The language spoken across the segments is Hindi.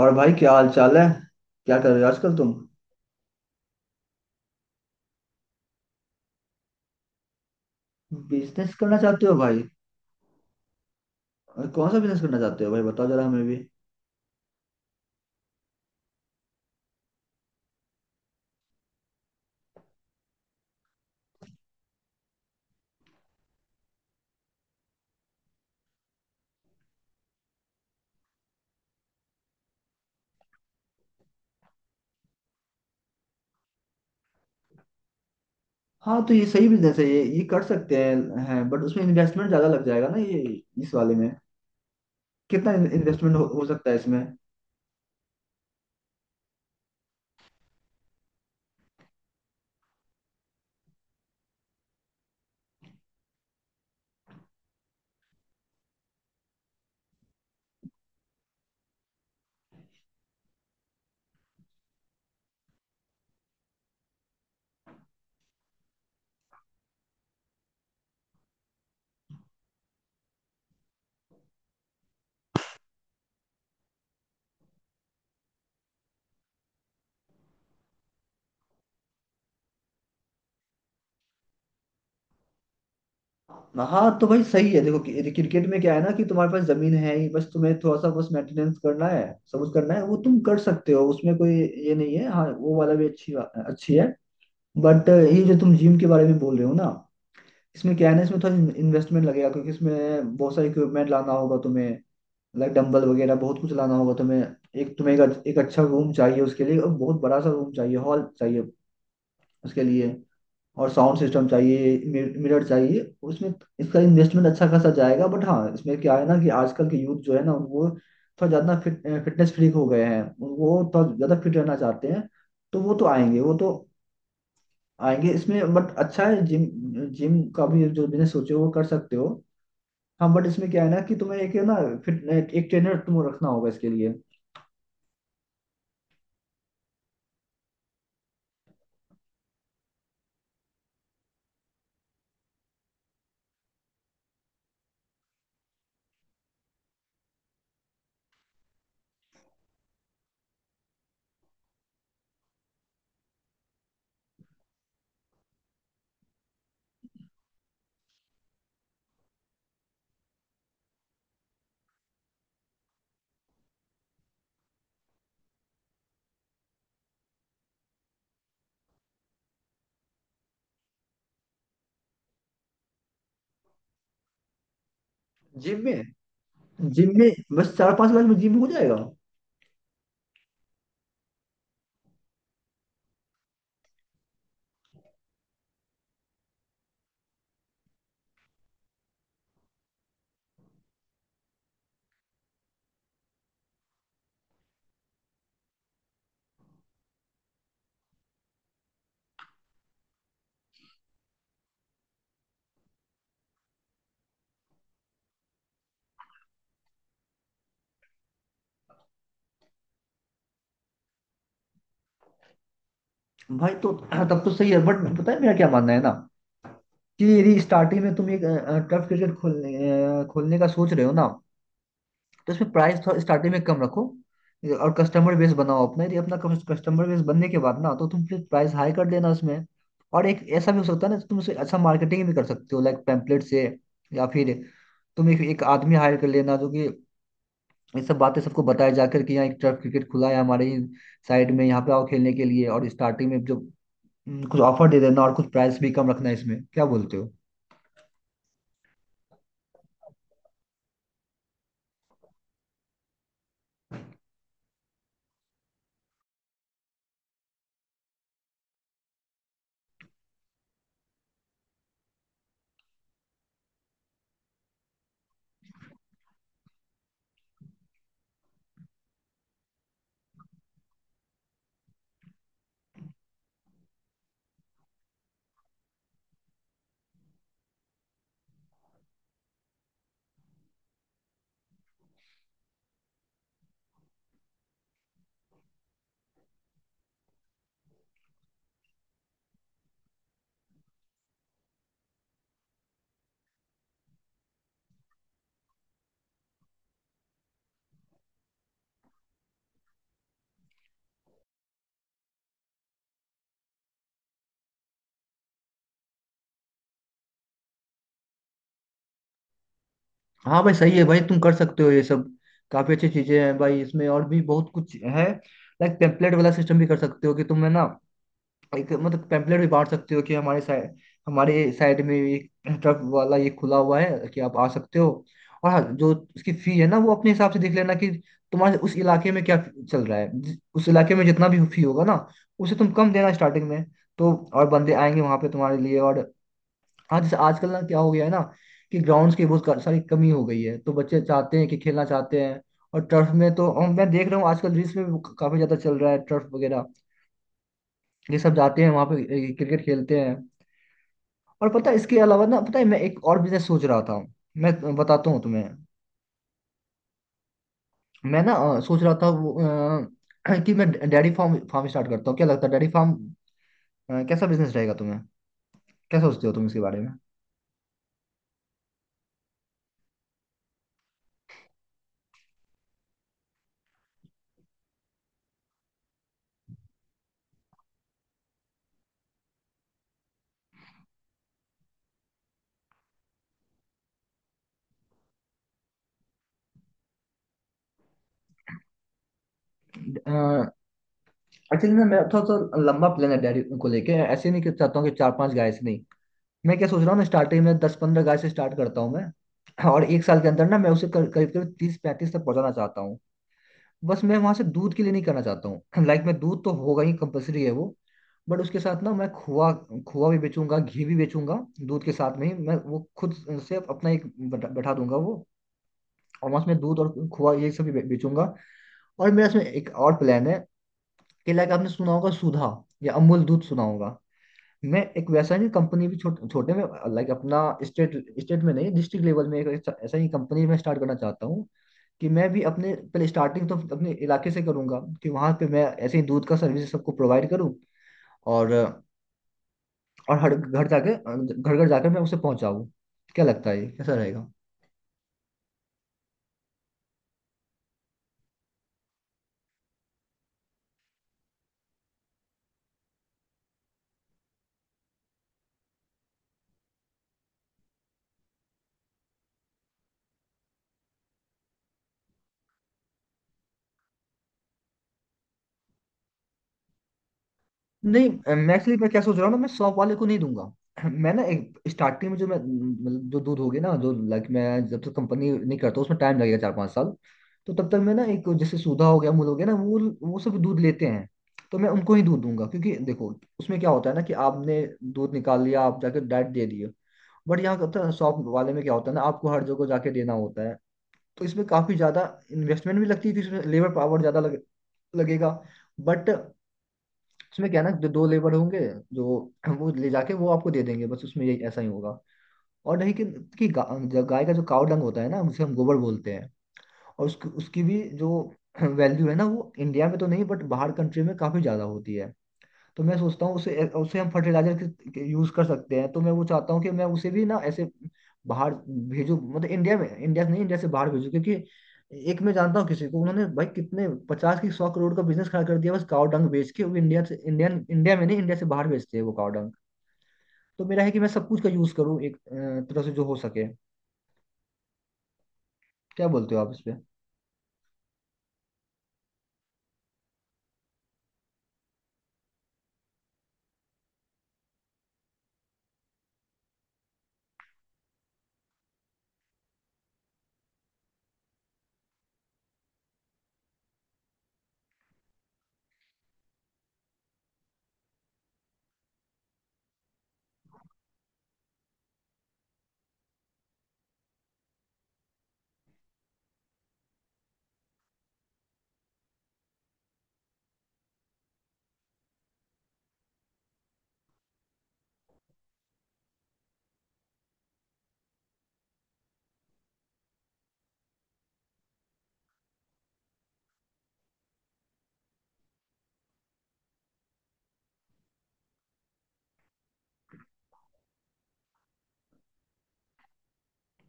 और भाई, क्या हाल चाल है? क्या कर रहे हो आजकल तुम? बिजनेस करना चाहते हो भाई? और कौन सा बिजनेस करना चाहते हो भाई, बताओ जरा हमें भी। हाँ, तो ये सही बिजनेस है, ये कर सकते हैं बट उसमें इन्वेस्टमेंट ज्यादा लग जाएगा ना, ये इस वाले में कितना इन्वेस्टमेंट हो सकता है इसमें? हाँ, तो भाई सही है, देखो क्रिकेट में क्या है ना, कि तुम्हारे पास जमीन है ही, बस तुम्हें थोड़ा सा बस मेंटेनेंस करना है। सब कुछ करना है वो तुम कर सकते हो, उसमें कोई ये नहीं है। हाँ, वो वाला भी अच्छी अच्छी है। बट ये जो तुम जिम के बारे में बोल रहे हो ना, इसमें क्या है ना, इसमें थोड़ा इन्वेस्टमेंट लगेगा क्योंकि इसमें बहुत सारे इक्विपमेंट लाना होगा तुम्हें। लाइक डंबल वगैरह बहुत कुछ लाना होगा तुम्हें। एक तुम्हें एक अच्छा रूम चाहिए उसके लिए, और बहुत बड़ा सा रूम चाहिए, हॉल चाहिए उसके लिए। और साउंड सिस्टम चाहिए। मिरर चाहिए उसमें। इसका इन्वेस्टमेंट अच्छा खासा जाएगा, बट हाँ इसमें क्या है ना, कि आजकल के यूथ जो है ना, वो थोड़ा ज़्यादा फिटनेस फ्रीक हो गए हैं, वो थोड़ा ज़्यादा फिट रहना चाहते हैं। तो वो तो आएंगे इसमें, बट अच्छा है जिम जिम का भी जो बिजनेस सोचे हो वो कर सकते हो। हाँ बट इसमें क्या है ना, कि तुम्हें एक है ना, फिर एक ट्रेनर तुम्हें रखना होगा इसके लिए। जिम में जिम में बस चार पांच लाख में जिम हो जाएगा? भाई, तो हाँ, तब तो सही है, बट पता है मेरा क्या मानना है ना, कि यदि स्टार्टिंग में तुम एक टर्फ क्रिकेट खोलने का सोच रहे हो ना, तो इसमें प्राइस थोड़ा स्टार्टिंग में कम रखो। और कस्टमर बेस बनाओ अपना, यदि अपना कस्टमर बेस बनने के बाद ना, तो तुम फिर प्राइस हाई कर देना उसमें। और एक ऐसा भी हो सकता है ना, तुम उसे अच्छा मार्केटिंग भी कर सकते हो, लाइक पैम्पलेट से, या फिर तुम एक आदमी हायर कर लेना, जो कि ये सब बातें सबको बताया जाकर, कि यहाँ एक तरफ क्रिकेट खुला है हमारे ही साइड में, यहाँ पे आओ खेलने के लिए। और स्टार्टिंग में जो कुछ ऑफर दे देना, और कुछ प्राइस भी कम रखना है, इसमें क्या बोलते हो? हाँ भाई, सही है भाई, तुम कर सकते हो ये सब। काफी अच्छी चीजें हैं भाई, इसमें और भी बहुत कुछ है। लाइक टेम्पलेट वाला सिस्टम भी कर सकते हो कि तुम, है ना, एक मतलब पैम्पलेट भी बांट सकते हो कि हमारे साइड में एक ट्रक वाला ये खुला हुआ है, कि आप आ सकते हो। और हाँ, जो उसकी फी है ना, वो अपने हिसाब से देख लेना, कि तुम्हारे उस इलाके में क्या चल रहा है। उस इलाके में जितना भी फी होगा ना, उसे तुम कम देना स्टार्टिंग में। तो और बंदे आएंगे वहां पे तुम्हारे लिए। और हाँ, जैसे आजकल ना, क्या हो गया है ना, कि ग्राउंड्स की बहुत सारी कमी हो गई है, तो बच्चे चाहते हैं कि खेलना चाहते हैं। और टर्फ में तो मैं देख रहा हूँ आजकल रील्स में भी काफी ज्यादा चल रहा है टर्फ वगैरह। ये सब जाते हैं वहाँ पे, क्रिकेट खेलते हैं। और पता है, इसके अलावा ना, पता है मैं एक और बिजनेस सोच रहा था। मैं बताता हूँ तुम्हें। मैं ना सोच रहा था वो, कि मैं डेयरी फार्म फार्म स्टार्ट करता हूँ। क्या लगता है, डेयरी फार्म कैसा बिजनेस रहेगा तुम्हें? क्या सोचते हो तुम इसके बारे में? एक्चुअली ना, मेरा थोड़ा सा लंबा प्लान है डेयरी को लेके, ऐसे नहीं कि चाहता हूँ कि चार पांच गाय से, नहीं। मैं क्या सोच रहा हूँ ना, स्टार्टिंग में दस पंद्रह गाय से स्टार्ट करता हूँ मैं, और एक साल के अंदर ना मैं उसे करीब करीब तीस पैंतीस तक पहुंचाना चाहता हूँ। बस मैं वहां से दूध के लिए नहीं करना चाहता हूँ। लाइक, मैं दूध तो होगा ही, कंपलसरी है वो। बट उसके साथ ना मैं खोआ खोआ भी बेचूंगा, घी भी बेचूंगा। दूध के साथ में ही मैं वो खुद से अपना एक बैठा बैठा दूंगा वो। और वहां से मैं दूध और खोआ ये सब भी बेचूंगा। और मेरा इसमें एक और प्लान है, कि लाइक आपने सुना होगा सुधा या अमूल दूध, सुना होगा? मैं एक वैसा ही कंपनी भी छोटे छोटे में, लाइक अपना स्टेट स्टेट में नहीं, डिस्ट्रिक्ट लेवल में एक ऐसा ऐसा ही कंपनी में स्टार्ट करना चाहता हूँ। कि मैं भी अपने पहले स्टार्टिंग तो अपने इलाके से करूंगा, कि वहां पे मैं ऐसे ही दूध का सर्विस सबको प्रोवाइड करूँ, और और हर घर जाके, घर घर जाकर मैं उसे पहुंचाऊँ। क्या लगता है ये? कैसा रहेगा? नहीं, मैं एक्चुअली, मैं क्या सोच रहा हूँ ना, मैं शॉप वाले को नहीं दूंगा। मैं ना एक स्टार्टिंग में, जो मैं मतलब जो दूध होगी ना, जो लाइक मैं जब तक कंपनी नहीं करता, उसमें टाइम लगेगा चार पाँच साल। तो तब तक मैं ना एक, जैसे सुधा हो गया, अमूल हो गया ना, वो सब दूध लेते हैं। तो मैं उनको ही दूध दूंगा क्योंकि देखो, उसमें क्या होता है ना, कि आपने दूध निकाल लिया, आप जाके डाइट दे दिए। बट यहाँ होता है शॉप वाले में, क्या होता है ना, आपको हर जगह जाके देना होता है। तो इसमें काफी ज्यादा इन्वेस्टमेंट भी लगती है, क्योंकि इसमें लेबर पावर ज्यादा लगेगा। बट उसमें क्या है ना, जो दो लेबर होंगे, जो वो ले जाके वो आपको दे देंगे, बस उसमें यही ऐसा ही होगा। और नहीं कि जो गाय का जो काव डंग होता है ना, उसे हम गोबर बोलते हैं। और उसकी उसकी भी जो वैल्यू है ना, वो इंडिया में तो नहीं बट बाहर कंट्री में काफी ज्यादा होती है। तो मैं सोचता हूँ उसे उसे हम फर्टिलाइजर यूज कर सकते हैं, तो मैं वो चाहता हूँ कि मैं उसे भी ना ऐसे बाहर भेजू, मतलब इंडिया में, इंडिया से नहीं, इंडिया से बाहर भेजू, क्योंकि एक मैं जानता हूँ किसी को, उन्होंने भाई कितने पचास की सौ करोड़ का बिजनेस खड़ा कर दिया बस काव डंग बेच के, वो इंडिया से इंडियन इंडिया में नहीं, इंडिया से बाहर बेचते हैं वो काव डंग। तो मेरा है कि मैं सब कुछ का यूज करूँ एक तरह से जो हो सके। क्या बोलते हो आप इस पे?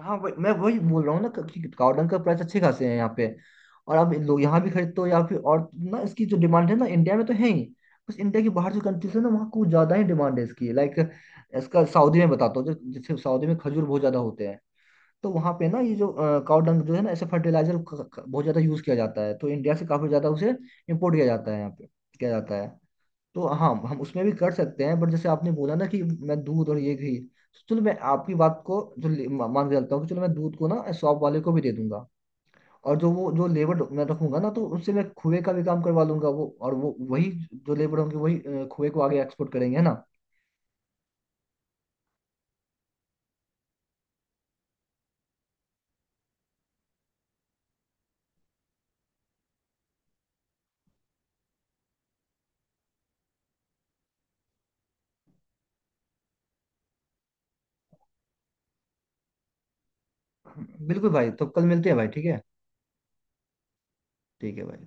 हाँ, वही मैं वही बोल रहा हूँ ना, कि गार्डन का प्राइस अच्छे खासे हैं यहाँ पे। और आप लोग यहाँ भी खरीदते हो या फिर, और ना, इसकी जो डिमांड है ना, इंडिया में तो है ही, बस इंडिया की बाहर जो कंट्रीज है ना, वहाँ कुछ ज्यादा ही डिमांड है इसकी, लाइक इसका सऊदी में बताता हूँ, जैसे सऊदी में खजूर बहुत ज्यादा होते हैं। तो वहाँ पे ना, ये जो काउडंग जो है ना, ऐसे फर्टिलाइजर बहुत ज्यादा यूज किया जाता है, तो इंडिया से काफी ज्यादा उसे इम्पोर्ट किया जाता है यहाँ पे, किया जाता है। तो हाँ, हम उसमें भी कर सकते हैं, बट जैसे आपने बोला ना कि मैं दूध और ये घी, तो चलो मैं आपकी बात को जो मान के चलता हूँ कि चलो, मैं दूध को ना शॉप वाले को भी दे दूंगा। और जो वो जो लेबर मैं रखूंगा ना, तो उससे मैं खुए का भी काम करवा लूंगा वो, और वो वही जो लेबर होंगे वही खुए को आगे एक्सपोर्ट करेंगे, है ना? बिल्कुल भाई, तो कल मिलते हैं भाई, ठीक है? ठीक है भाई।